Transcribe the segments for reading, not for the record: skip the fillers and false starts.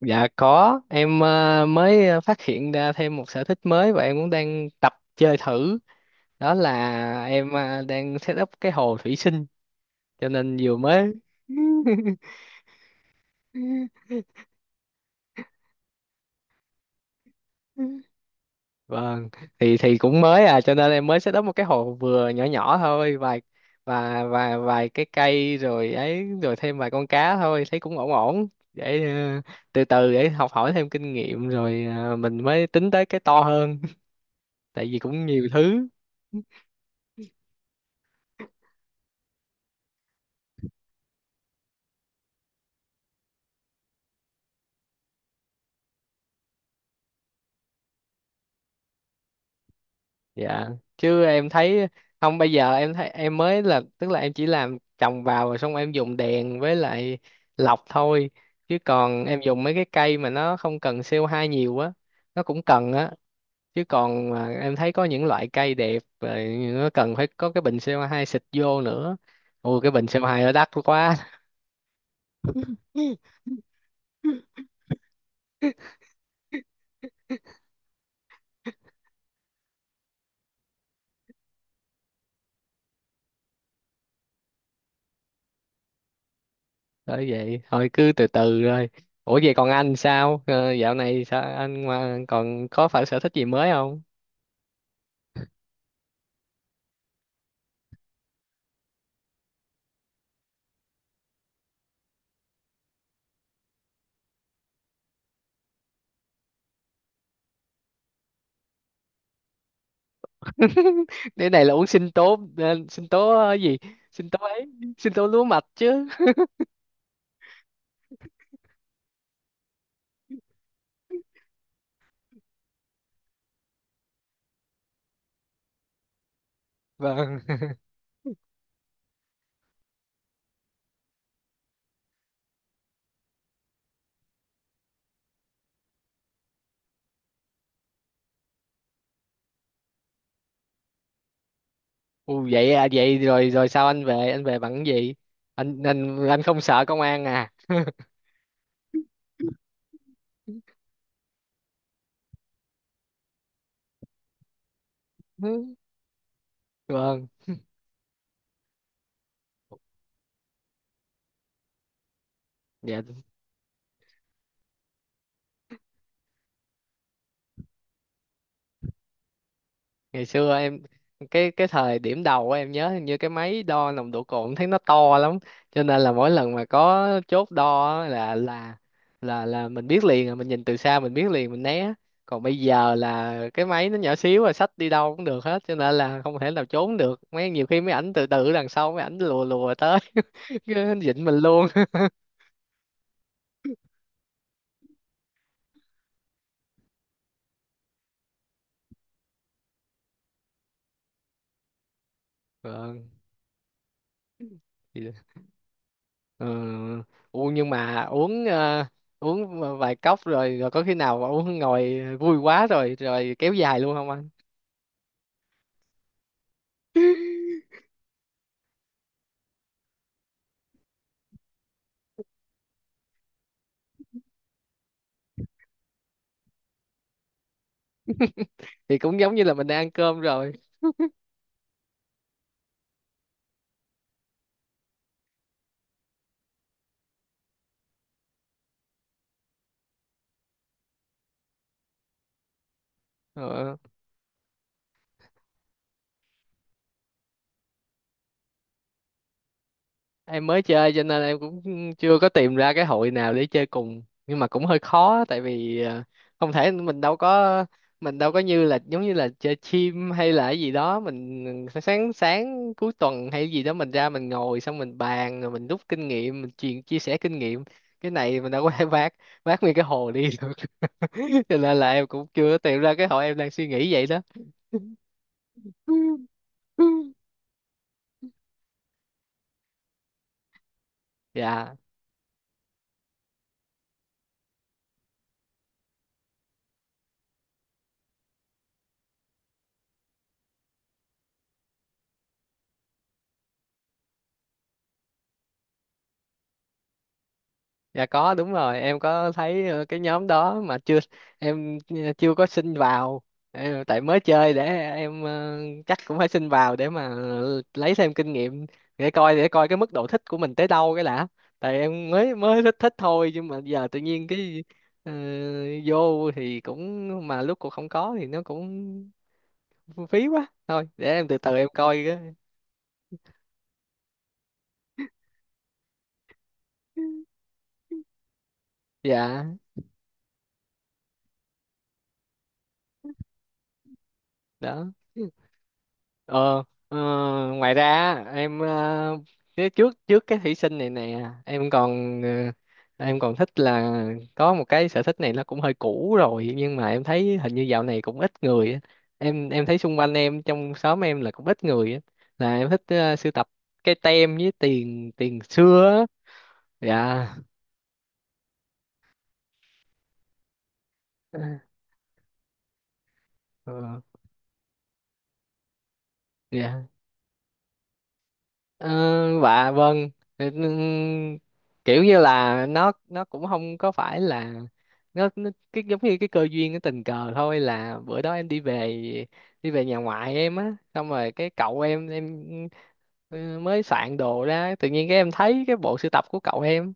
Dạ có, em mới phát hiện ra thêm một sở thích mới và em cũng đang tập chơi thử. Đó là em đang set up cái hồ thủy sinh cho nên vừa mới Vâng, thì cũng mới à, cho nên em mới set up một cái hồ vừa nhỏ nhỏ thôi, vài và vài cái cây rồi ấy, rồi thêm vài con cá thôi thấy cũng ổn ổn, để từ từ để học hỏi thêm kinh nghiệm rồi mình mới tính tới cái to hơn. Tại vì cũng nhiều thứ. Dạ, chứ em thấy, không, bây giờ em thấy em mới là, tức là em chỉ làm trồng vào rồi xong em dùng đèn với lại lọc thôi, chứ còn em dùng mấy cái cây mà nó không cần CO2 nhiều á, nó cũng cần á. Chứ còn mà em thấy có những loại cây đẹp rồi, nó cần phải có cái bình CO2 xịt vô nữa. Ôi, cái bình CO2 nó đắt quá. Bởi vậy thôi cứ từ từ rồi. Ủa, vậy còn anh sao? Ờ, Dạo này sao anh, còn có phải sở thích gì mới không? Cái này là uống sinh tố sinh tố gì, sinh tố ấy, sinh tố lúa mạch chứ. Vâng. Ừ, vậy à? Vậy rồi rồi sao Anh về bằng cái gì? Anh không sợ công an à? Vâng, dạ. Ngày xưa em, cái thời điểm đầu á, em nhớ hình như cái máy đo nồng độ cồn thấy nó to lắm, cho nên là mỗi lần mà có chốt đo á, là mình biết liền à, mình nhìn từ xa mình biết liền mình né. Còn bây giờ là cái máy nó nhỏ xíu rồi, xách đi đâu cũng được hết, cho nên là không thể nào trốn được mấy. Nhiều khi mấy ảnh từ từ đằng sau, mấy ảnh lùa lùa tới, cứ dính mình luôn. Vâng. Ừ. Ủa, nhưng mà uống uống vài cốc rồi, có khi nào mà uống ngồi vui quá rồi, kéo dài luôn không anh? Thì cũng giống như là mình đang ăn cơm rồi. Ờ. Em mới chơi cho nên em cũng chưa có tìm ra cái hội nào để chơi cùng, nhưng mà cũng hơi khó, tại vì không thể, mình đâu có như là, giống như là chơi team hay là cái gì đó, mình sáng sáng cuối tuần hay gì đó mình ra mình ngồi xong mình bàn rồi mình rút kinh nghiệm, mình chuyện chia sẻ kinh nghiệm. Cái này mình đâu có thể vác vác nguyên cái hồ đi được. Cho nên là em cũng chưa tìm ra cái hội, em đang suy nghĩ vậy đó. Dạ. Dạ có, đúng rồi, em có thấy cái nhóm đó mà chưa, em chưa có xin vào. Tại mới chơi, để em chắc cũng phải xin vào để mà lấy thêm kinh nghiệm, để coi, để coi cái mức độ thích của mình tới đâu cái đã. Tại em mới mới thích thích thôi, nhưng mà giờ tự nhiên cái ờ, vô thì cũng, mà lúc cũng không có thì nó cũng phí quá, thôi để em từ từ em coi cái. Dạ. Đó. ờ ờ, ngoài ra á, em cái trước trước cái thủy sinh này nè em còn em còn thích là có một cái sở thích này, nó cũng hơi cũ rồi nhưng mà em thấy hình như dạo này cũng ít người á. Em thấy xung quanh em trong xóm em là cũng ít người á, là em thích sưu tập cái tem với tiền tiền xưa á. Dạ. Ờ, dạ. Ờ, và vâng. Ừ, kiểu như là nó cũng không có phải là, nó cái giống như cái cơ duyên cái tình cờ thôi, là bữa đó em đi về, đi về nhà ngoại em á, xong rồi cái cậu em ừ, mới soạn đồ ra, tự nhiên cái em thấy cái bộ sưu tập của cậu em,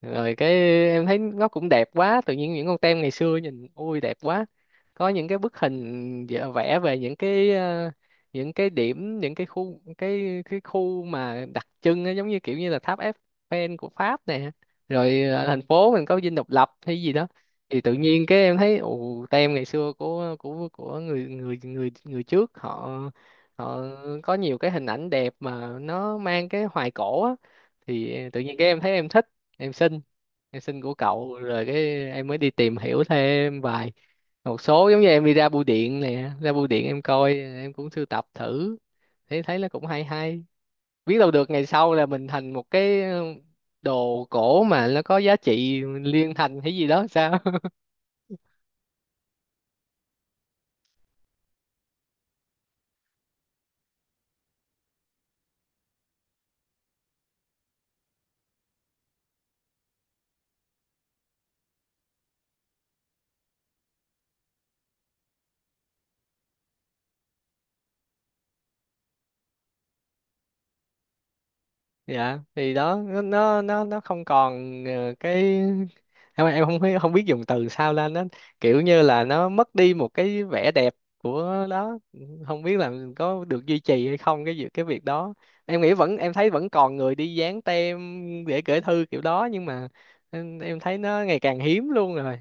rồi cái em thấy nó cũng đẹp quá, tự nhiên những con tem ngày xưa nhìn ui đẹp quá, có những cái bức hình vẽ vẽ về những cái những cái điểm, những cái khu, cái khu mà đặc trưng á, giống như kiểu như là tháp Eiffel của Pháp nè, rồi thành phố mình có dinh độc lập hay gì đó. Thì tự nhiên cái em thấy, ồ, tem ngày xưa, của người người người người trước họ, họ có nhiều cái hình ảnh đẹp mà nó mang cái hoài cổ á. Thì tự nhiên cái em thấy em thích, em xin em xin của cậu, rồi cái em mới đi tìm hiểu thêm vài một số, giống như em đi ra bưu điện nè, ra bưu điện em coi, em cũng sưu tập thử, thấy thấy nó cũng hay hay, biết đâu được ngày sau là mình thành một cái đồ cổ mà nó có giá trị liên thành hay gì đó sao. Dạ thì đó, nó không còn cái, em không biết, không biết dùng từ sao lên, nó kiểu như là nó mất đi một cái vẻ đẹp của đó, không biết là có được duy trì hay không cái việc đó. Em nghĩ vẫn, em thấy vẫn còn người đi dán tem để gửi thư kiểu đó, nhưng mà em, thấy nó ngày càng hiếm luôn rồi.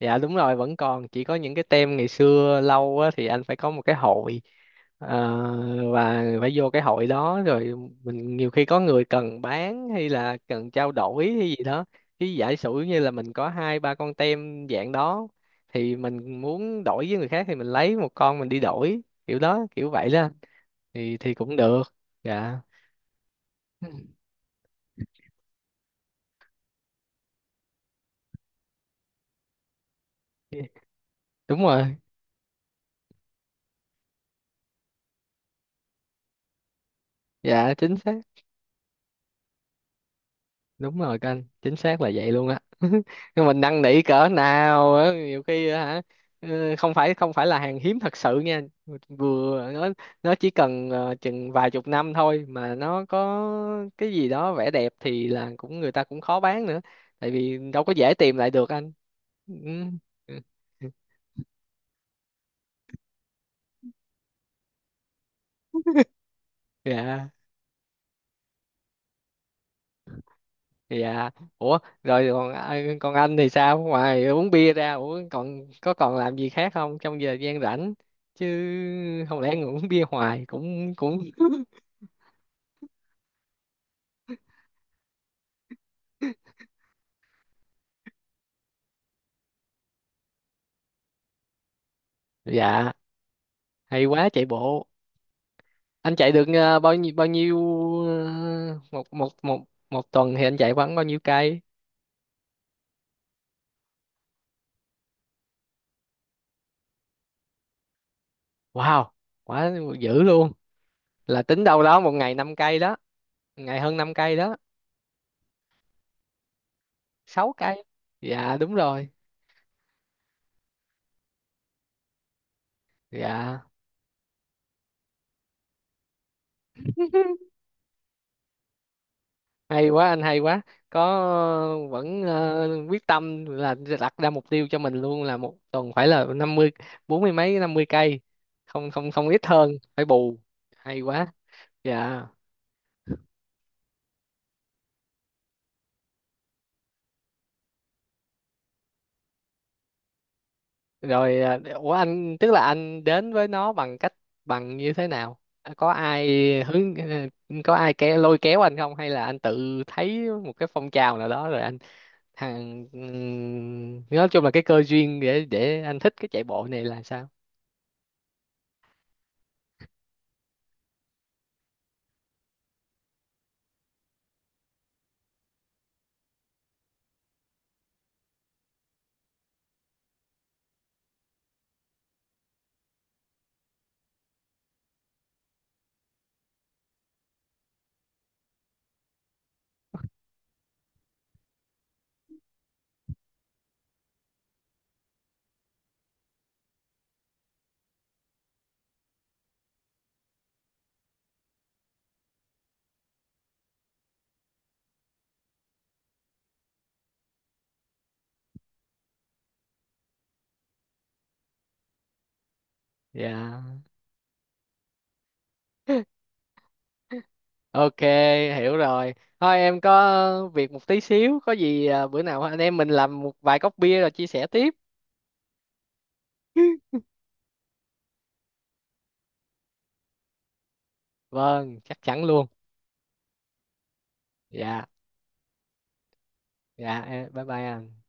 Dạ đúng rồi, vẫn còn, chỉ có những cái tem ngày xưa lâu á, thì anh phải có một cái hội ờ, và phải vô cái hội đó rồi mình, nhiều khi có người cần bán hay là cần trao đổi hay gì đó, cái giả sử như là mình có hai ba con tem dạng đó thì mình muốn đổi với người khác thì mình lấy một con mình đi đổi, kiểu đó kiểu vậy đó. Thì cũng được. Dạ đúng rồi. Dạ chính xác, đúng rồi, canh chính xác là vậy luôn á. Nhưng mình năn nỉ cỡ nào á, nhiều khi á hả, ừ, không phải là hàng hiếm thật sự nha, vừa nó chỉ cần chừng vài chục năm thôi mà nó có cái gì đó vẻ đẹp thì là cũng người ta cũng khó bán nữa, tại vì đâu có dễ tìm lại được anh. Ừ. Ừ. Dạ. Dạ. Ủa rồi, còn còn anh thì sao? Ngoài uống bia ra, ủa còn có, còn làm gì khác không trong giờ gian rảnh chứ? Không lẽ ngồi uống bia hoài cũng cũng... Dạ, hay quá, chạy bộ. Anh chạy được bao nhiêu một một một một tuần thì anh chạy khoảng bao nhiêu cây? Wow, quá, dữ luôn, là tính đâu đó một ngày 5 cây đó. Ngày hơn 5 cây đó. 6 cây. Dạ đúng rồi. Dạ hay quá anh, hay quá, có vẫn quyết tâm là đặt ra mục tiêu cho mình luôn, là một tuần phải là 50, 40 mấy, 50 cây. Không không không, ít hơn phải bù. Hay quá. Dạ. Rồi ủa anh, tức là anh đến với nó bằng cách, bằng như thế nào? À, có ai hướng có ai kéo, lôi kéo anh không, hay là anh tự thấy một cái phong trào nào đó rồi anh nói chung là cái cơ duyên để anh thích cái chạy bộ này là sao. Dạ. Ok, hiểu rồi. Thôi em có việc một tí xíu, có gì à, bữa nào anh em mình làm một vài cốc bia rồi chia sẻ tiếp. Vâng, chắc chắn luôn. Dạ, dạ, bye bye anh.